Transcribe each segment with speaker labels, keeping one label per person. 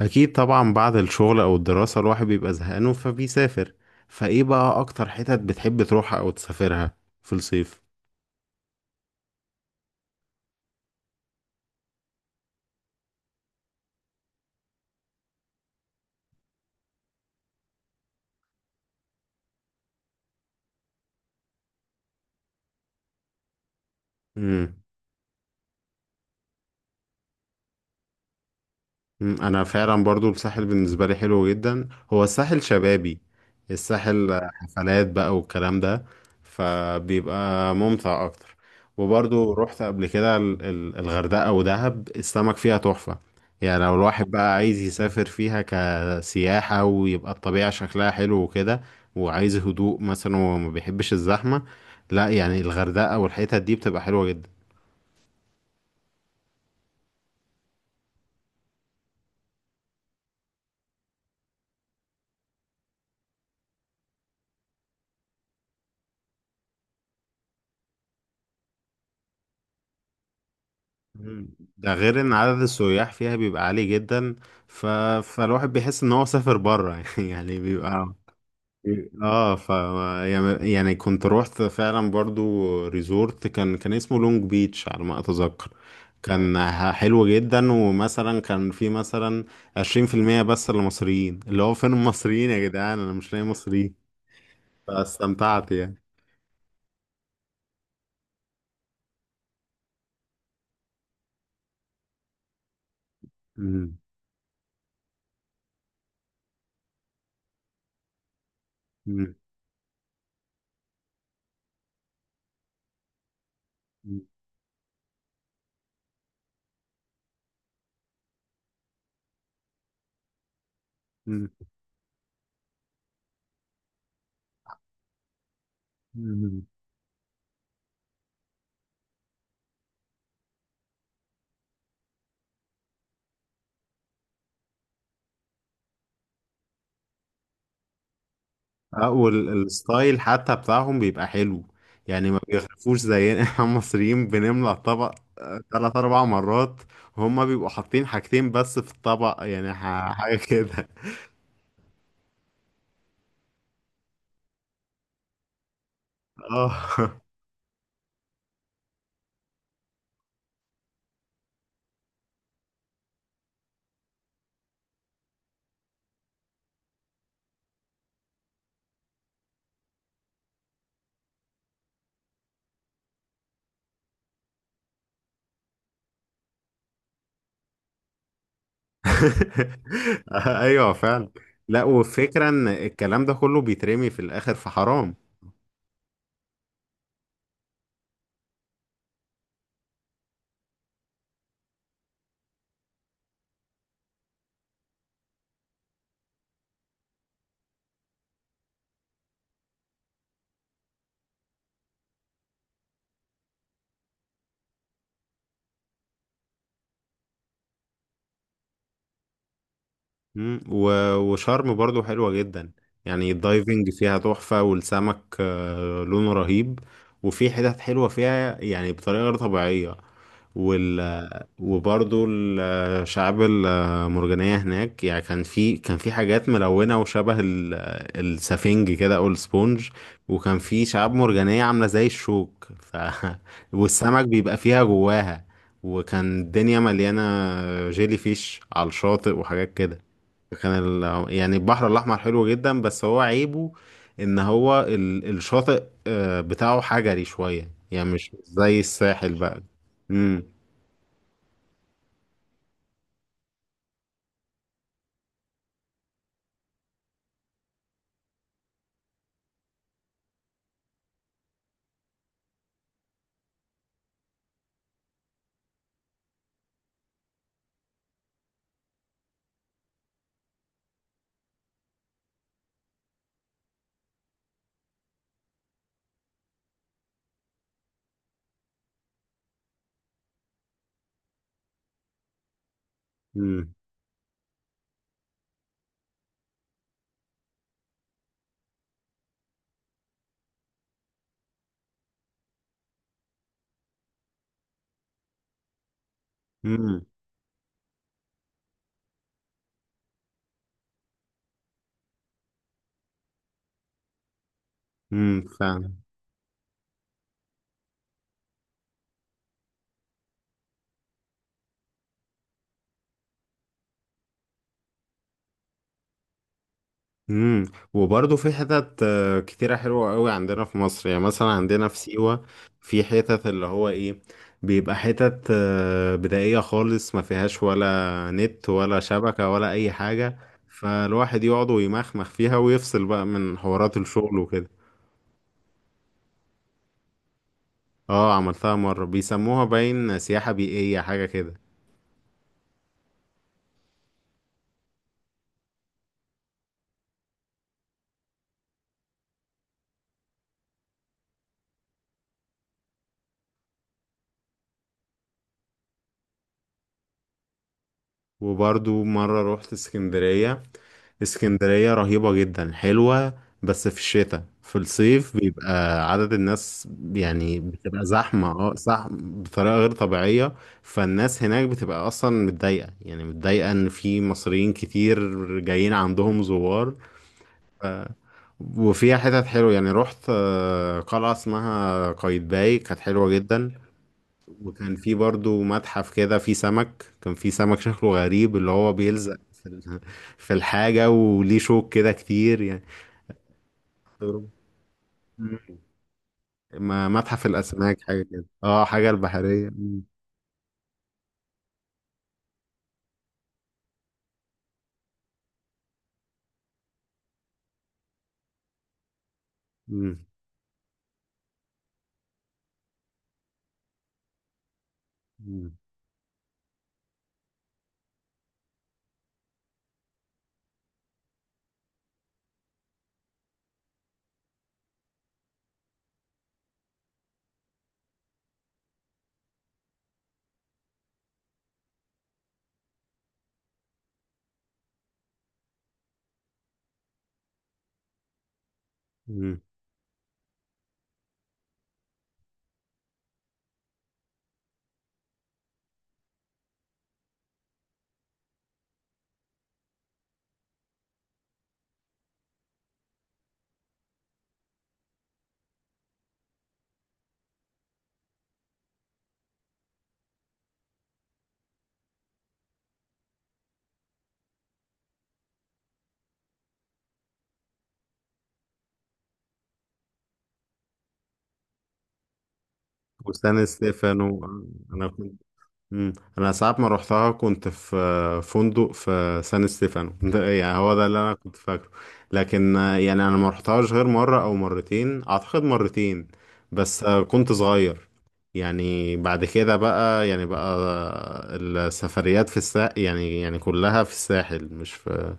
Speaker 1: اكيد طبعا بعد الشغل او الدراسة الواحد بيبقى زهقان فبيسافر. فايه بقى اكتر حتت بتحب تروحها او تسافرها؟ في الصيف. انا فعلا برضو الساحل بالنسبه لي حلو جدا. هو الساحل شبابي. الساحل حفلات بقى والكلام ده. فبيبقى ممتع اكتر. وبرضو رحت قبل كده الغردقه ودهب، السمك فيها تحفه. يعني لو الواحد بقى عايز يسافر فيها كسياحه ويبقى الطبيعه شكلها حلو وكده، وعايز هدوء مثلا وما بيحبش الزحمه، لا يعني الغردقه والحتت دي بتبقى حلوه جدا. مم. ده غير ان عدد السياح فيها بيبقى عالي جدا. ف... فالواحد بيحس ان هو سافر بره يعني بيبقى. اه ف يعني كنت روحت فعلا برضو. ريزورت كان اسمه لونج بيتش على ما اتذكر. كان حلو جدا، ومثلا كان في مثلا 20% بس للمصريين، اللي هو فين المصريين يا جدعان، انا مش لاقي مصريين. فاستمتعت يعني. مم. مم. مم. مم. اه، والستايل حتى بتاعهم بيبقى حلو. يعني ما بيغرفوش زينا احنا المصريين بنملى الطبق تلات أربع مرات. هما بيبقوا حاطين حاجتين بس في الطبق، يعني حاجة كده. اه. ايوه فعلا. لا، والفكرة ان الكلام ده كله بيترمي في الآخر، في حرام. مم. وشرم برضو حلوة جدا، يعني الدايفنج فيها تحفة، والسمك لونه رهيب. وفي حتت حلوة فيها يعني بطريقة غير طبيعية. وال وبرضو الشعاب المرجانية هناك، يعني كان في حاجات ملونة وشبه السفنج كده أو السبونج. وكان في شعاب مرجانية عاملة زي الشوك، والسمك بيبقى فيها جواها. وكان الدنيا مليانة جيلي فيش على الشاطئ وحاجات كده. كان يعني البحر الأحمر حلو جدا، بس هو عيبه إن هو الشاطئ بتاعه حجري شوية، يعني مش زي الساحل بقى. امم. امم. امم. امم. امم. وبرضه في حتت كتيرة حلوة قوي عندنا في مصر، يعني مثلا عندنا في سيوة، في حتت اللي هو ايه، بيبقى حتت بدائية خالص ما فيهاش ولا نت ولا شبكة ولا أي حاجة. فالواحد يقعد ويمخمخ فيها ويفصل بقى من حوارات الشغل وكده. اه، عملتها مرة، بيسموها باين سياحة بيئية حاجة كده. وبرضو مرة روحت اسكندرية. اسكندرية رهيبة جدا، حلوة. بس في الشتاء. في الصيف بيبقى عدد الناس، يعني بتبقى زحمة، زحمة بطريقة غير طبيعية. فالناس هناك بتبقى أصلا متضايقة، يعني متضايقة إن في مصريين كتير جايين عندهم زوار. وفيها حتت حلوة، يعني رحت قلعة اسمها قايتباي كانت حلوة جدا. وكان في برضو متحف كده فيه سمك، كان فيه سمك شكله غريب اللي هو بيلزق في في الحاجة، وليه شوك كده كتير يعني. تجربة. مم. متحف الأسماك حاجة كده، اه، حاجة البحرية. مم. مم. مم. مم. وسان ستيفانو. أنا. مم. انا ساعات ما روحتها كنت في فندق في سان ستيفانو ده، يعني هو ده اللي انا كنت فاكره. لكن يعني انا ما روحتهاش غير مره او مرتين، اعتقد مرتين. بس كنت صغير. يعني بعد كده بقى، يعني بقى السفريات في الساحل، يعني كلها في الساحل مش في.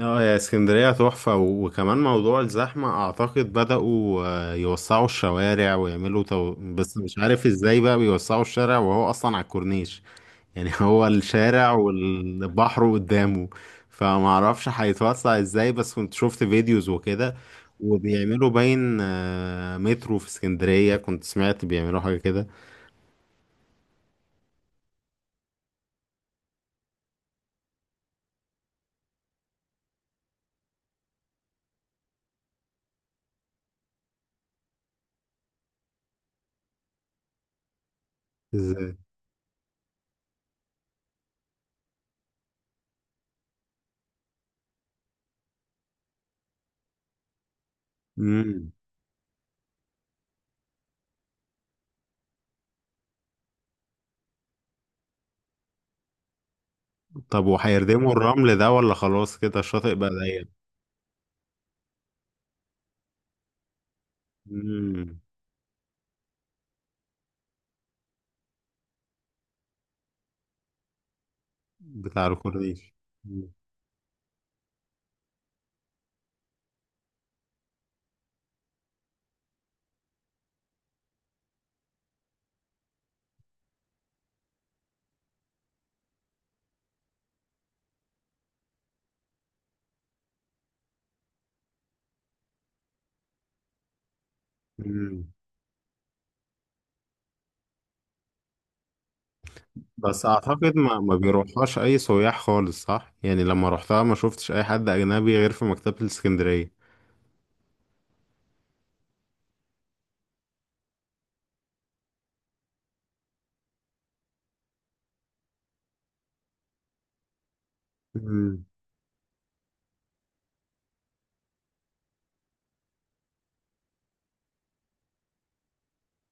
Speaker 1: اه، يا اسكندرية تحفة. وكمان موضوع الزحمة، أعتقد بدأوا يوسعوا الشوارع ويعملوا بس مش عارف ازاي بقى بيوسعوا الشارع وهو أصلا على الكورنيش. يعني هو الشارع والبحر قدامه، فمعرفش هيتوسع ازاي، بس كنت شفت فيديوز وكده. وبيعملوا باين مترو في اسكندرية، كنت سمعت بيعملوا حاجة كده. ازاي؟ مم. طب وهيردموا الرمل ده ولا خلاص كده الشاطئ بقى ضيق؟ مم. بتاع الكورنيش. مم. مم. بس اعتقد ما بيروحهاش اي سياح خالص، صح؟ يعني لما روحتها ما شفتش اي حد اجنبي غير في مكتبة الاسكندرية. مم.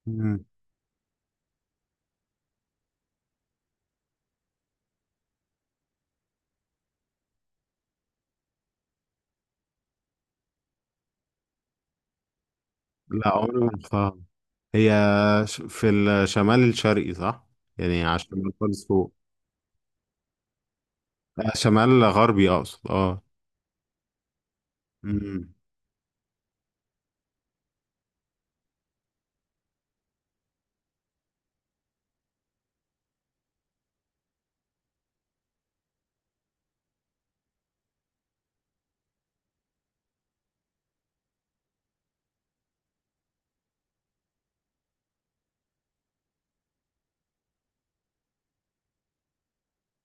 Speaker 1: مم. لا، عمري ما رحتها. هي في الشمال الشرقي، صح؟ يعني على الشمال خالص فوق. شمال غربي اقصد اه مم.